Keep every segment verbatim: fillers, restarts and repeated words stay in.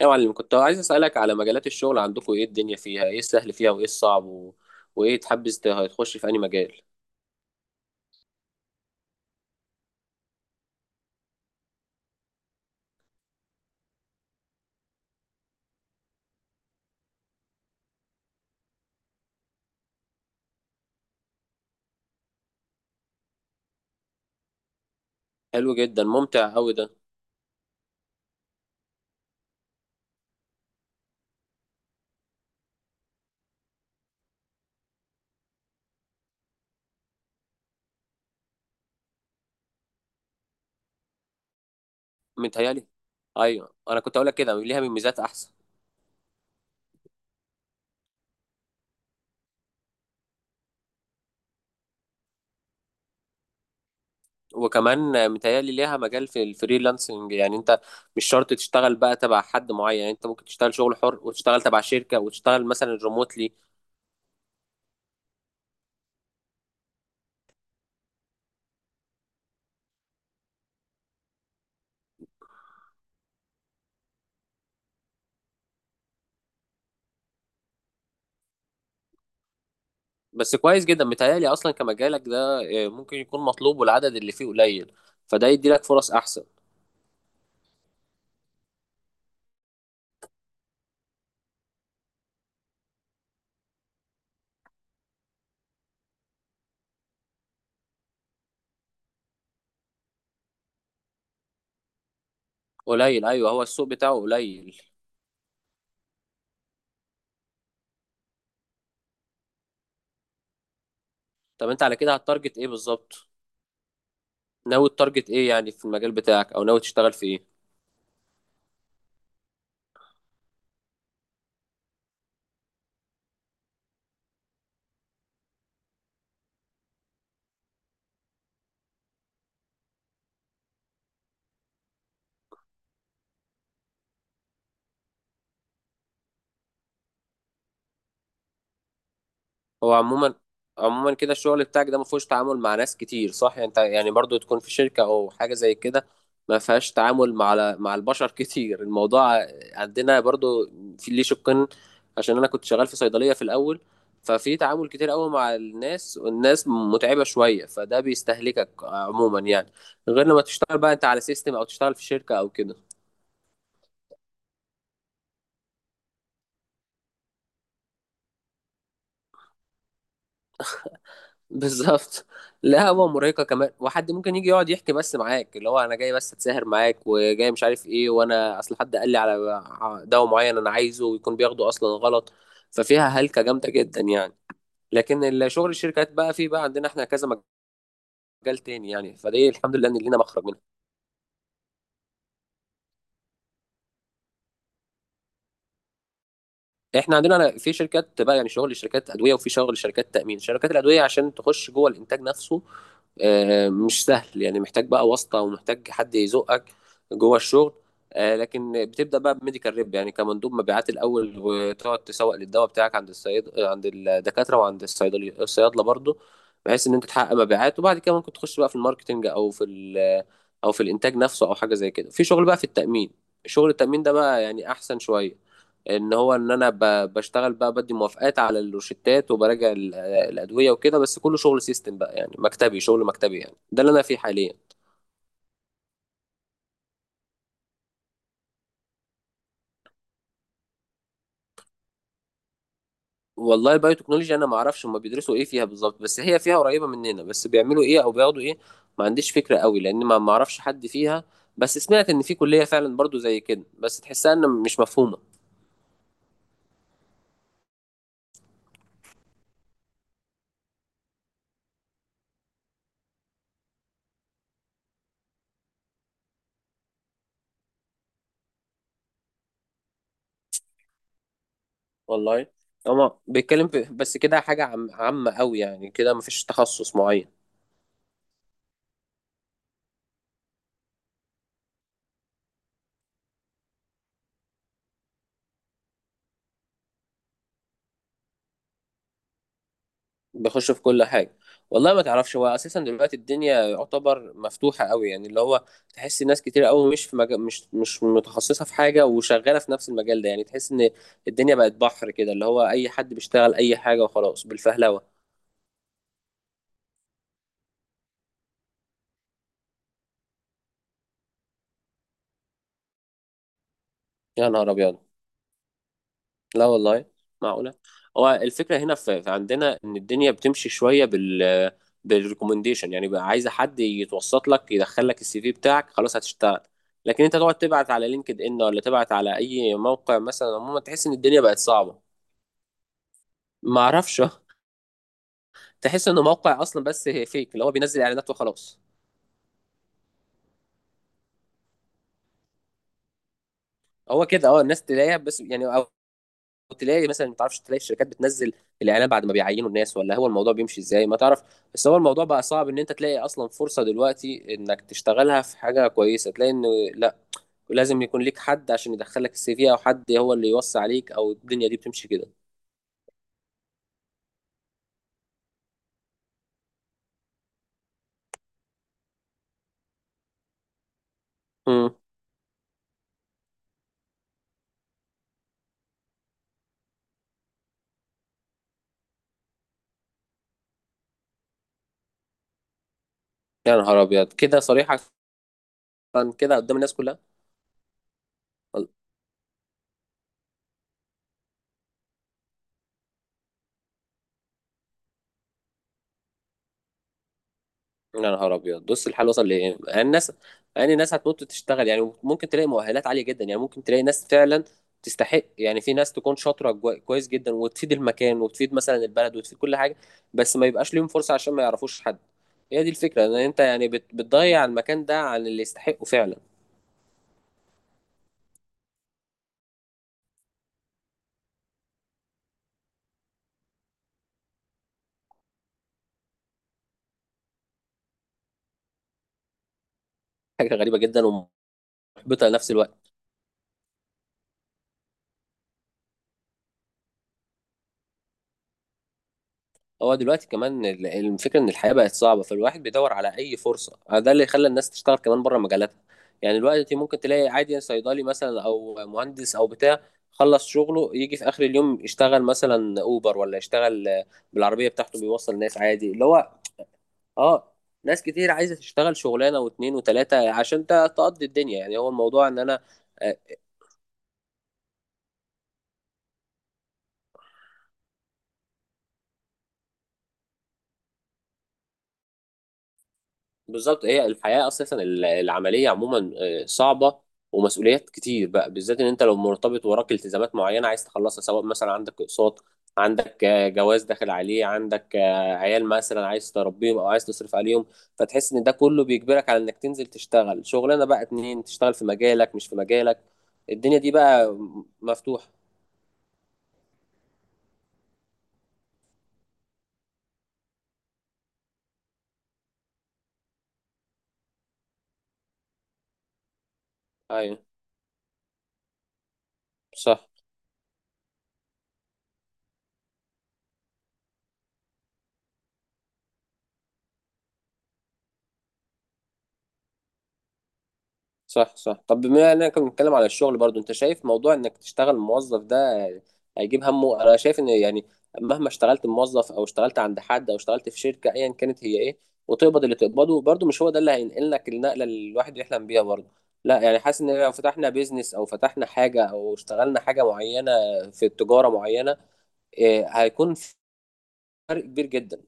يا معلم، كنت عايز أسألك على مجالات الشغل عندكم. إيه الدنيا فيها؟ إيه السهل فيها وإيه الصعب و... وإيه تحبذ ت- تخش في أي مجال؟ حلو جدا، ممتع أوي ده. متهيألي أيوه، أنا كنت أقولك كده ليها من ميزات أحسن. وكمان متهيألي ليها مجال في الفريلانسنج، يعني أنت مش شرط تشتغل بقى تبع حد معين، يعني أنت ممكن تشتغل شغل حر وتشتغل تبع شركة وتشتغل مثلا ريموتلي. بس كويس جدا متهيألي أصلا كمجالك ده. آه، ممكن يكون مطلوب والعدد اللي فيه قليل، فده يدي لك فرص أحسن. قليل، ايوه، هو السوق بتاعه قليل. طب انت على كده هتارجت ايه بالظبط؟ ناوي تارجت ايه يعني في المجال بتاعك، او ناوي تشتغل في ايه؟ هو عموما، عموما كده الشغل بتاعك ده ما فيهوش تعامل مع ناس كتير، صح؟ يعني انت يعني برضو تكون في شركة او حاجة زي كده ما فيهاش تعامل مع مع البشر كتير. الموضوع عندنا برضو في ليه شقين، عشان انا كنت شغال في صيدلية في الاول، ففي تعامل كتير قوي مع الناس، والناس متعبة شوية، فده بيستهلكك عموما يعني. غير لما تشتغل بقى انت على سيستم او تشتغل في شركة او كده. بالظبط. القهوة مرهقة كمان، وحد ممكن يجي يقعد يحكي بس معاك، اللي هو انا جاي بس اتساهر معاك، وجاي مش عارف ايه، وانا اصل حد قال لي على دواء معين انا عايزه، ويكون بياخده اصلا غلط، ففيها هلكة جامدة جدا يعني. لكن ال- شغل الشركات بقى، فيه بقى عندنا احنا كذا مجال تاني يعني، فدي الحمد لله ان لينا مخرج منها. احنا عندنا أنا- في شركات بقى، يعني شغل شركات ادوية وفي شغل شركات تأمين. شركات الادوية عشان تخش جوه الانتاج نفسه، آه، مش سهل يعني، محتاج بقى واسطة ومحتاج حد يزقك جوه الشغل. آه، لكن بتبدأ بقى بميديكال ريب، يعني كمندوب مبيعات الأول، وتقعد تسوق للدواء بتاعك عند الصيد، عند الدكاترة وعند الصيدلي الصيادلة برضو، بحيث إن أنت تحقق مبيعات. وبعد كده ممكن تخش بقى في الماركتينج، أو في ال أو في الإنتاج نفسه، أو حاجة زي كده. في شغل بقى في التأمين، شغل التأمين ده بقى يعني أحسن شوية، ان هو ان انا ب- بشتغل بقى بدي موافقات على الروشتات، وبراجع الادويه وكده، بس كله شغل سيستم بقى يعني، مكتبي، شغل مكتبي يعني، ده اللي انا فيه حاليا. والله البايو تكنولوجي انا ما اعرفش هم بيدرسوا ايه فيها بالظبط. بس هي فيها قريبه مننا، بس بيعملوا ايه او بياخدوا ايه ما عنديش فكره قوي، لان ما ما اعرفش حد فيها. بس سمعت ان في كليه فعلا برضو زي كده، بس تحسها ان مش مفهومه. والله هما بيتكلم في- بس كده حاجه عام- عامه قوي يعني، كده مفيش تخصص معين. بيخش في كل حاجه. والله ما تعرفش، هو اساسا دلوقتي الدنيا يعتبر مفتوحه قوي، يعني اللي هو تحس ناس كتير قوي مش في مجال، مش مش متخصصه في حاجه وشغاله في نفس المجال ده، يعني تحس ان الدنيا بقت بحر كده، اللي هو اي حد بيشتغل اي حاجه وخلاص بالفهلوه. يا نهار ابيض، لا والله، معقولة. هو الفكرة هنا في في عندنا إن الدنيا بتمشي شوية بال بالريكومنديشن، يعني بقى عايزة حد يتوسط لك، يدخل لك السي في بتاعك خلاص هتشتغل. لكن أنت تقعد تبعت على لينكد إن، ولا تبعت على أي موقع مثلا عموما، تحس إن الدنيا بقت صعبة. معرفش تحس إنه موقع أصلا بس فيك اللي هو بينزل إعلانات وخلاص. هو كده أه، الناس تلاقيها بس يعني، تلاقي مثلا ما تعرفش، تلاقي الشركات بتنزل الاعلان بعد ما بيعينوا الناس، ولا هو الموضوع بيمشي ازاي ما تعرف. بس هو الموضوع بقى صعب ان انت تلاقي اصلا فرصة دلوقتي انك تشتغلها في حاجة كويسة، تلاقي ان لا، لازم يكون ليك حد عشان يدخلك السي في، او حد هو اللي يوصي عليك، او الدنيا دي بتمشي كده. امم. يا نهار ابيض، كده صريحة؟ كده قدام الناس كلها؟ يا نهار ابيض، بص الحال وصل لايه، يعني الناس، يعني الناس هتموت تشتغل. يعني ممكن تلاقي مؤهلات عاليه جدا، يعني ممكن تلاقي ناس فعلا تستحق، يعني في ناس تكون شاطره جوا- كويس جدا، وتفيد المكان وتفيد مثلا البلد وتفيد كل حاجه، بس ما يبقاش ليهم فرصه عشان ما يعرفوش حد. هي دي الفكره، ان انت يعني بت- بتضيع المكان ده عن اللي يستحقه فعلا. حاجه غريبه جدا، ومحبطه لنفس الوقت. هو دلوقتي كمان ال- الفكرة ان الحياة بقت صعبة، فالواحد بيدور على اي فرصة، آه، ده اللي خلى الناس تشتغل كمان بره مجالاتها. يعني دلوقتي ممكن تلاقي عادي صيدلي مثلا او مهندس او بتاع خلص شغله يجي في اخر اليوم يشتغل مثلا اوبر، ولا يشتغل آه، بالعربية بتاعته بيوصل ناس عادي اللي هو. اه، ناس كتير عايزة تشتغل شغلانة واتنين وتلاتة عشان ت- تقضي الدنيا يعني، هو الموضوع ان انا آه، بالظبط. هي الحياة أساسا ال- العملية عموما آه، صعبة، ومسؤوليات كتير بقى، بالذات إن أنت لو مرتبط وراك التزامات معينة عايز تخلصها، سواء مثلا عندك أقساط، عندك آه، جواز داخل عليه، عندك آه، عيال مثلا عايز تربيهم أو عايز تصرف عليهم، فتحس إن ده كله بيجبرك على إنك تنزل تشتغل شغلانة بقى اتنين، تشتغل في مجالك مش في مجالك، الدنيا دي بقى م- مفتوحة. أيوه. صح صح صح. طب بما اننا كنا بنتكلم على الشغل برضو، انت شايف موضوع انك تشتغل موظف ده هيجيب همه؟ انا شايف ان يعني مهما اشتغلت موظف، او اشتغلت عند حد، او اشتغلت في شركة ايا كانت هي ايه، وتقبض اللي تقبضه، برضو مش هو ده اللي هينقل لك النقلة اللي الواحد يحلم بيها برضو. لا، يعني حاسس ان لو فتحنا بيزنس، او فتحنا حاجة، او اشتغلنا حاجة معينة في التجارة معينة، إيه هيكون فرق كبير جدا.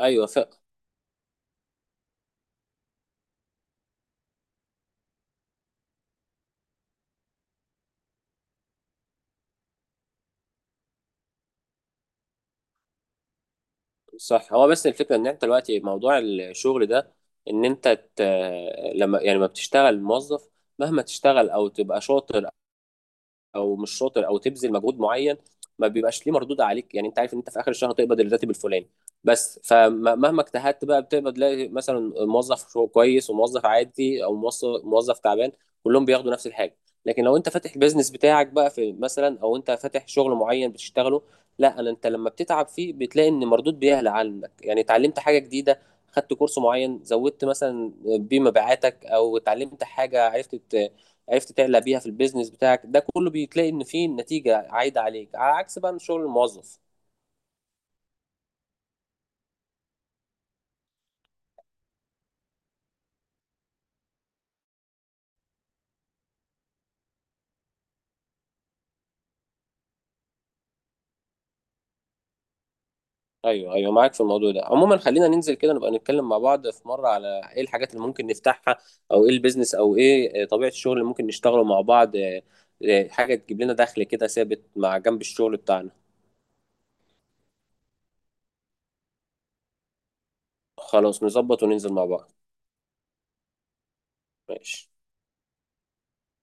ايوه، صح. هو بس الفكرة ان انت دلوقتي موضوع الشغل ده، ان انت ت... لما يعني ما بتشتغل موظف، مهما تشتغل او تبقى شاطر، او مش شاطر، او تبذل مجهود معين، ما بيبقاش ليه مردود عليك، يعني انت عارف ان انت في اخر الشهر هتقبض الراتب الفلاني بس، فمهما اجتهدت بقى بتقبض، تلاقي مثلا موظف شو- كويس، وموظف عادي، او موظف موظف تعبان، كلهم بياخدوا نفس الحاجه. لكن لو انت فاتح البيزنس بتاعك بقى في مثلا، او انت فاتح شغل معين بتشتغله، لا انا، انت لما بتتعب فيه بتلاقي ان مردود بيعلى عنك، يعني اتعلمت حاجه جديده، خدت كورس معين زودت مثلا بيه مبيعاتك، او اتعلمت حاجه عرفت عرفت تعلق بيها في البيزنس بتاعك، ده كله بيتلاقي ان فيه نتيجه عايده عليك، على عكس بقى شغل الموظف. ايوه ايوه، معاك في الموضوع ده. عموما خلينا ننزل كده، نبقى نتكلم مع بعض في مره على ايه الحاجات اللي ممكن نفتحها، او ايه البيزنس، او ايه آه، طبيعه الشغل اللي ممكن نشتغله مع بعض، آه، آه، حاجه تجيب لنا دخل كده ثابت مع جنب الشغل بتاعنا. خلاص، نظبط وننزل مع بعض. ماشي.